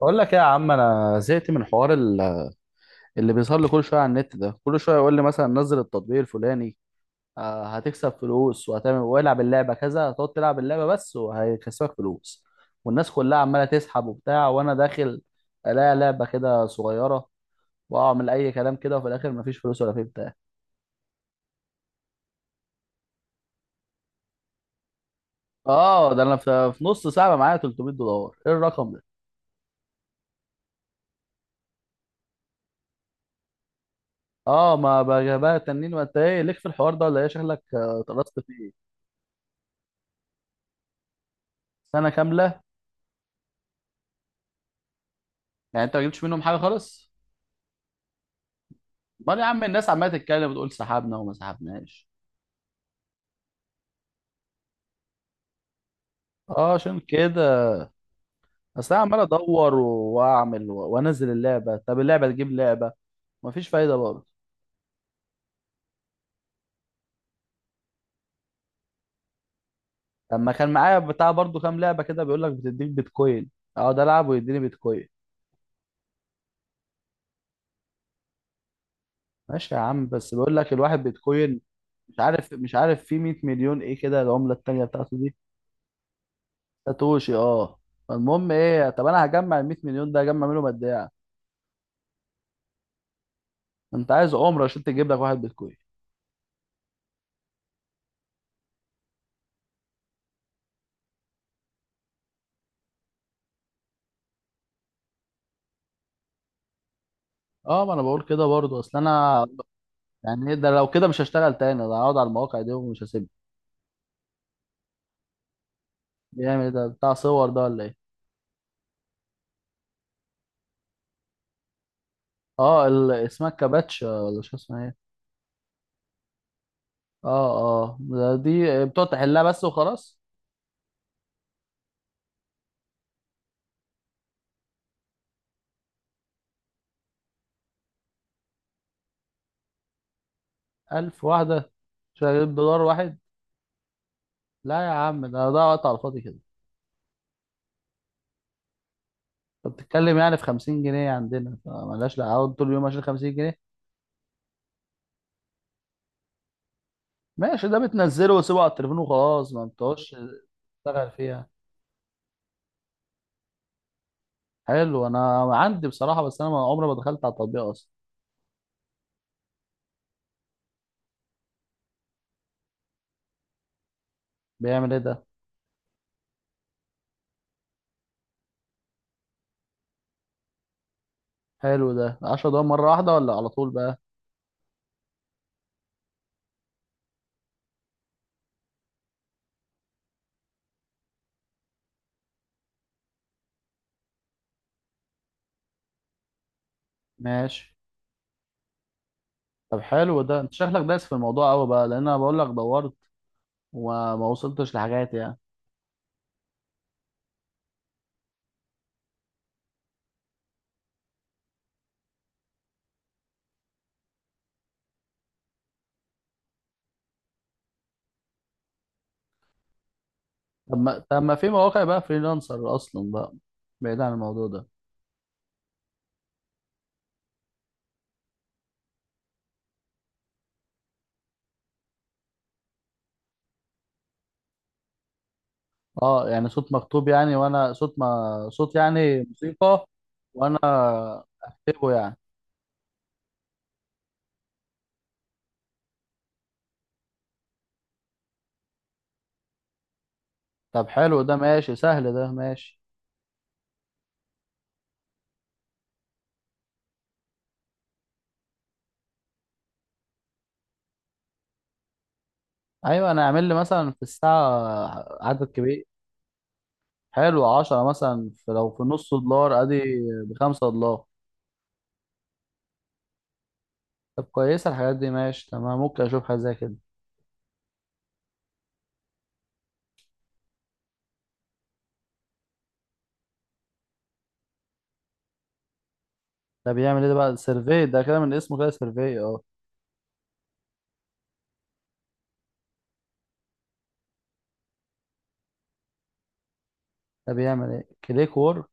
بقول لك ايه يا عم، انا زهقت من اللي بيظهر لي كل شويه على النت ده. كل شويه يقول لي مثلا نزل التطبيق الفلاني. هتكسب فلوس وهتعمل والعب اللعبه كذا، هتقعد تلعب اللعبه بس وهيكسبك فلوس، والناس كلها عماله تسحب وبتاع، وانا داخل الاقي لعبه كده صغيره واعمل اي كلام كده، وفي الاخر مفيش فلوس ولا في بتاع. اه ده انا في نص ساعه بقى معايا 300 دولار، ايه الرقم ده؟ اه ما بقى تنين. وانت ايه ليك في الحوار ده؟ ولا ايه شكلك؟ اتقرصت فيه؟ سنه كامله؟ يعني انت ما جبتش منهم حاجه خالص؟ امال يا عم الناس عماله تتكلم وتقول سحبنا وما سحبناش؟ اه، عشان كده. اصل انا عمال ادور واعمل وانزل اللعبه، طب اللعبه تجيب لعبه مفيش فايده برضه. لما كان معايا بتاع برضه كام لعبه كده، بيقول لك بتديك بيتكوين، اقعد العب ويديني بيتكوين. ماشي يا عم، بس بيقول لك الواحد بيتكوين؟ مش عارف في 100 مليون ايه كده، العمله التانيه بتاعته دي؟ ساتوشي، اه. فالمهم ايه؟ طب انا هجمع ال 100 مليون ده، هجمع منهم قد ايه؟ انت عايز عمره عشان تجيب لك واحد بيتكوين. اه، ما انا بقول كده برضه، اصل انا يعني ايه ده؟ لو كده مش هشتغل تاني، ده هقعد على المواقع دي ومش هسيبها. بيعمل ايه ده؟ بتاع صور ده ولا ايه؟ اه، اسمها كباتش ولا شو اسمها ايه؟ اه. اه ده، دي بتقعد تحلها بس وخلاص؟ ألف واحدة شغالين بدولار واحد؟ لا يا عم، ده وقت على الفاضي كده. انت بتتكلم يعني في 50 جنيه عندنا، فمالهاش، لا اقعد طول اليوم عشان 50 جنيه. ماشي، ده بتنزله وسيبه على التليفون وخلاص، ما بتقعدش تشتغل فيها. حلو، انا عندي بصراحة، بس انا عمري ما دخلت على التطبيق اصلا. بيعمل ايه ده؟ حلو ده، 10 دقايق مرة واحدة ولا على طول بقى؟ ماشي. طب حلو ده، انت شكلك دايس في الموضوع قوي بقى، لان انا بقول لك دورت وما وصلتش لحاجات يعني. طب ما، طب ما في مواقع بقى فريلانسر اصلا بقى، بعيد عن الموضوع ده. اه يعني صوت مكتوب يعني؟ وانا صوت، ما صوت يعني موسيقى، وانا اكتبه يعني؟ طب حلو ده، ماشي سهل ده، ماشي. ايوه، انا اعمل لي مثلا في الساعة عدد كبير، حلو 10 مثلا، في لو في نص دولار ادي بخمسة دولار. طب كويسة الحاجات دي، ماشي تمام، ممكن أشوف حاجة زي كده. ده بيعمل إيه ده بقى؟ سيرفي ده كده من اسمه، كده سيرفي، أه. ده بيعمل إيه كليك وورك؟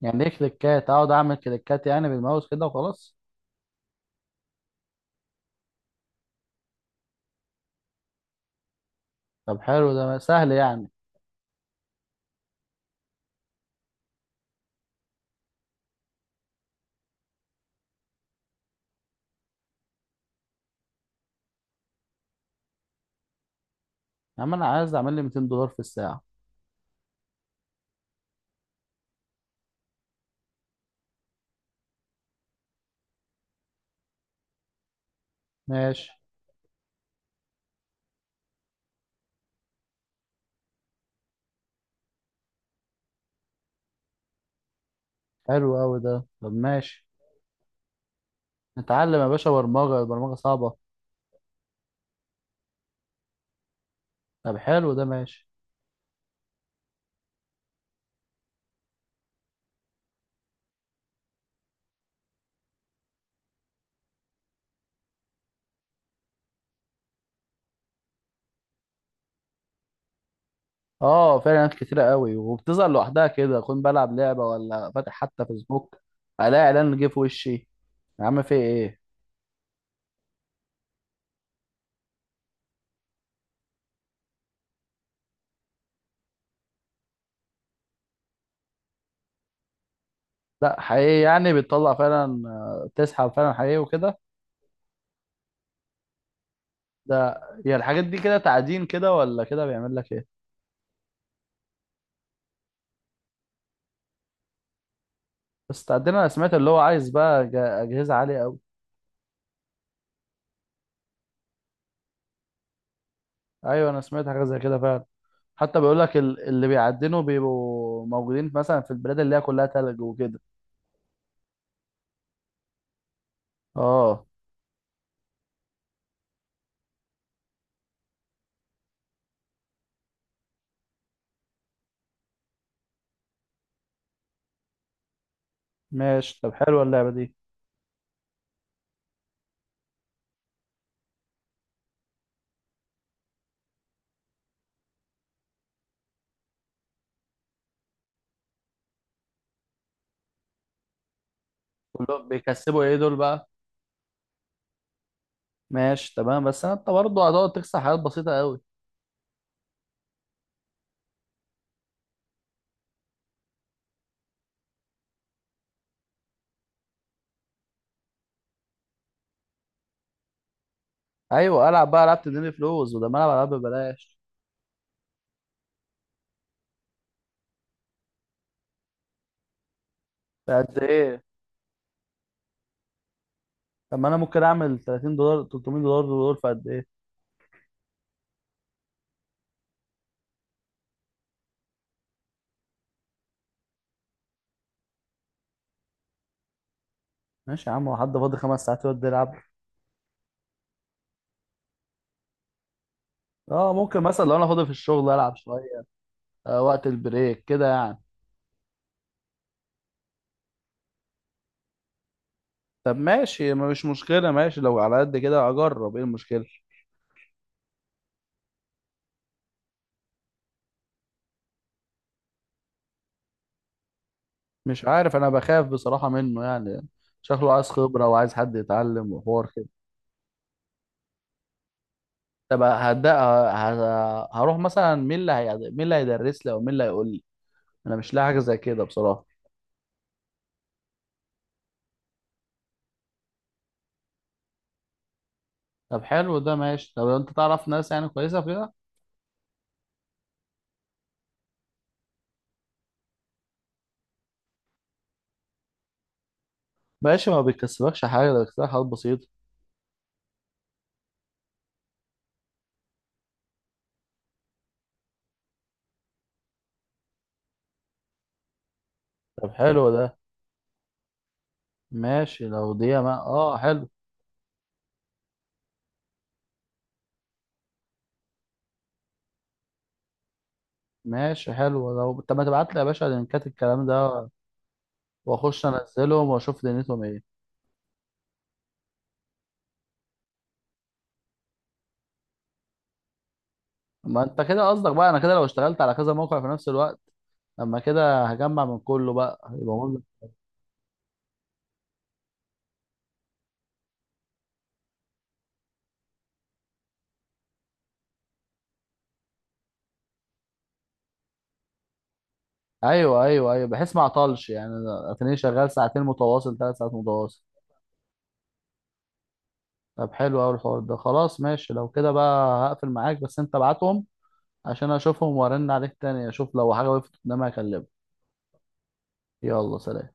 يعني إيه كليكات؟ أقعد أعمل كليكات يعني بالماوس كده وخلاص؟ طب حلو ده، سهل يعني. يا عم أنا عايز أعمل لي 200 دولار في الساعة. ماشي، حلو أوي ده، طب ماشي. نتعلم يا باشا برمجة؟ البرمجة صعبة. طب حلو ده، ماشي. أه فعلا، ناس كتيرة أوي وبتظهر لوحدها كده، أكون بلعب لعبة ولا فاتح حتى فيسبوك ألاقي إعلان جه في وشي، يا عم في إيه؟ لا حقيقي يعني، بتطلع فعلا؟ تسحب فعلا حقيقي وكده؟ ده هي الحاجات دي كده تعدين كده ولا كده؟ بيعمل لك ايه؟ بس تعدين، انا سمعت اللي هو عايز بقى اجهزه عاليه قوي. ايوه انا سمعت حاجه زي كده فعلا، حتى بيقول لك اللي بيعدنوا بيبقوا موجودين مثلا في البلاد اللي هي كلها تلج وكده. اه. ماشي طب حلوه اللعبه دي. كلهم بيكسبوا ايه دول بقى؟ ماشي تمام، بس انت برضه هتقعد تكسب حاجات بسيطه قوي. ايوه العب بقى، العب تديني فلوس، وده ما العب، العب ببلاش. قد ايه؟ طب ما انا ممكن اعمل 30 دولار، 300 دولار دول في قد ايه؟ ماشي يا عم، هو حد فاضي خمس ساعات يقعد يلعب؟ اه ممكن، مثلا لو انا فاضي في الشغل العب شويه. آه وقت البريك كده يعني. طب ماشي، ما مش مشكله، ماشي لو على قد كده اجرب، ايه المشكله؟ مش عارف، انا بخاف بصراحه منه يعني. شكله عايز خبره وعايز حد يتعلم وحوار كده. طب هبدا، هروح مثلا مين اللي هي، مين اللي هيدرس لي او مين اللي هيقول لي؟ انا مش لاقي حاجه زي كده بصراحه. طب حلو ده، ماشي. طب انت تعرف ناس يعني كويسه فيها؟ ماشي، ما بيكسبكش حاجة ده، بيكسبك حاجات بسيطة. طب حلو ده، ماشي لو دي، ما اه حلو. ماشي حلو، لو طب ما تبعت لي يا باشا لينكات الكلام ده، واخش انزلهم واشوف دنيتهم ايه. ما انت كده قصدك بقى انا كده لو اشتغلت على كذا موقع في نفس الوقت، لما كده هجمع من كله بقى يبقى مبلغ. ايوه ايوه ايوه، بحيث ما اعطلش يعني، أنا اتنين شغال ساعتين متواصل، ثلاث ساعات متواصل. طب حلو قوي الحوار ده، خلاص ماشي، لو كده بقى هقفل معاك، بس انت ابعتهم عشان اشوفهم، وارن عليك تاني اشوف لو حاجه وقفت قدامي اكلمك. يلا سلام.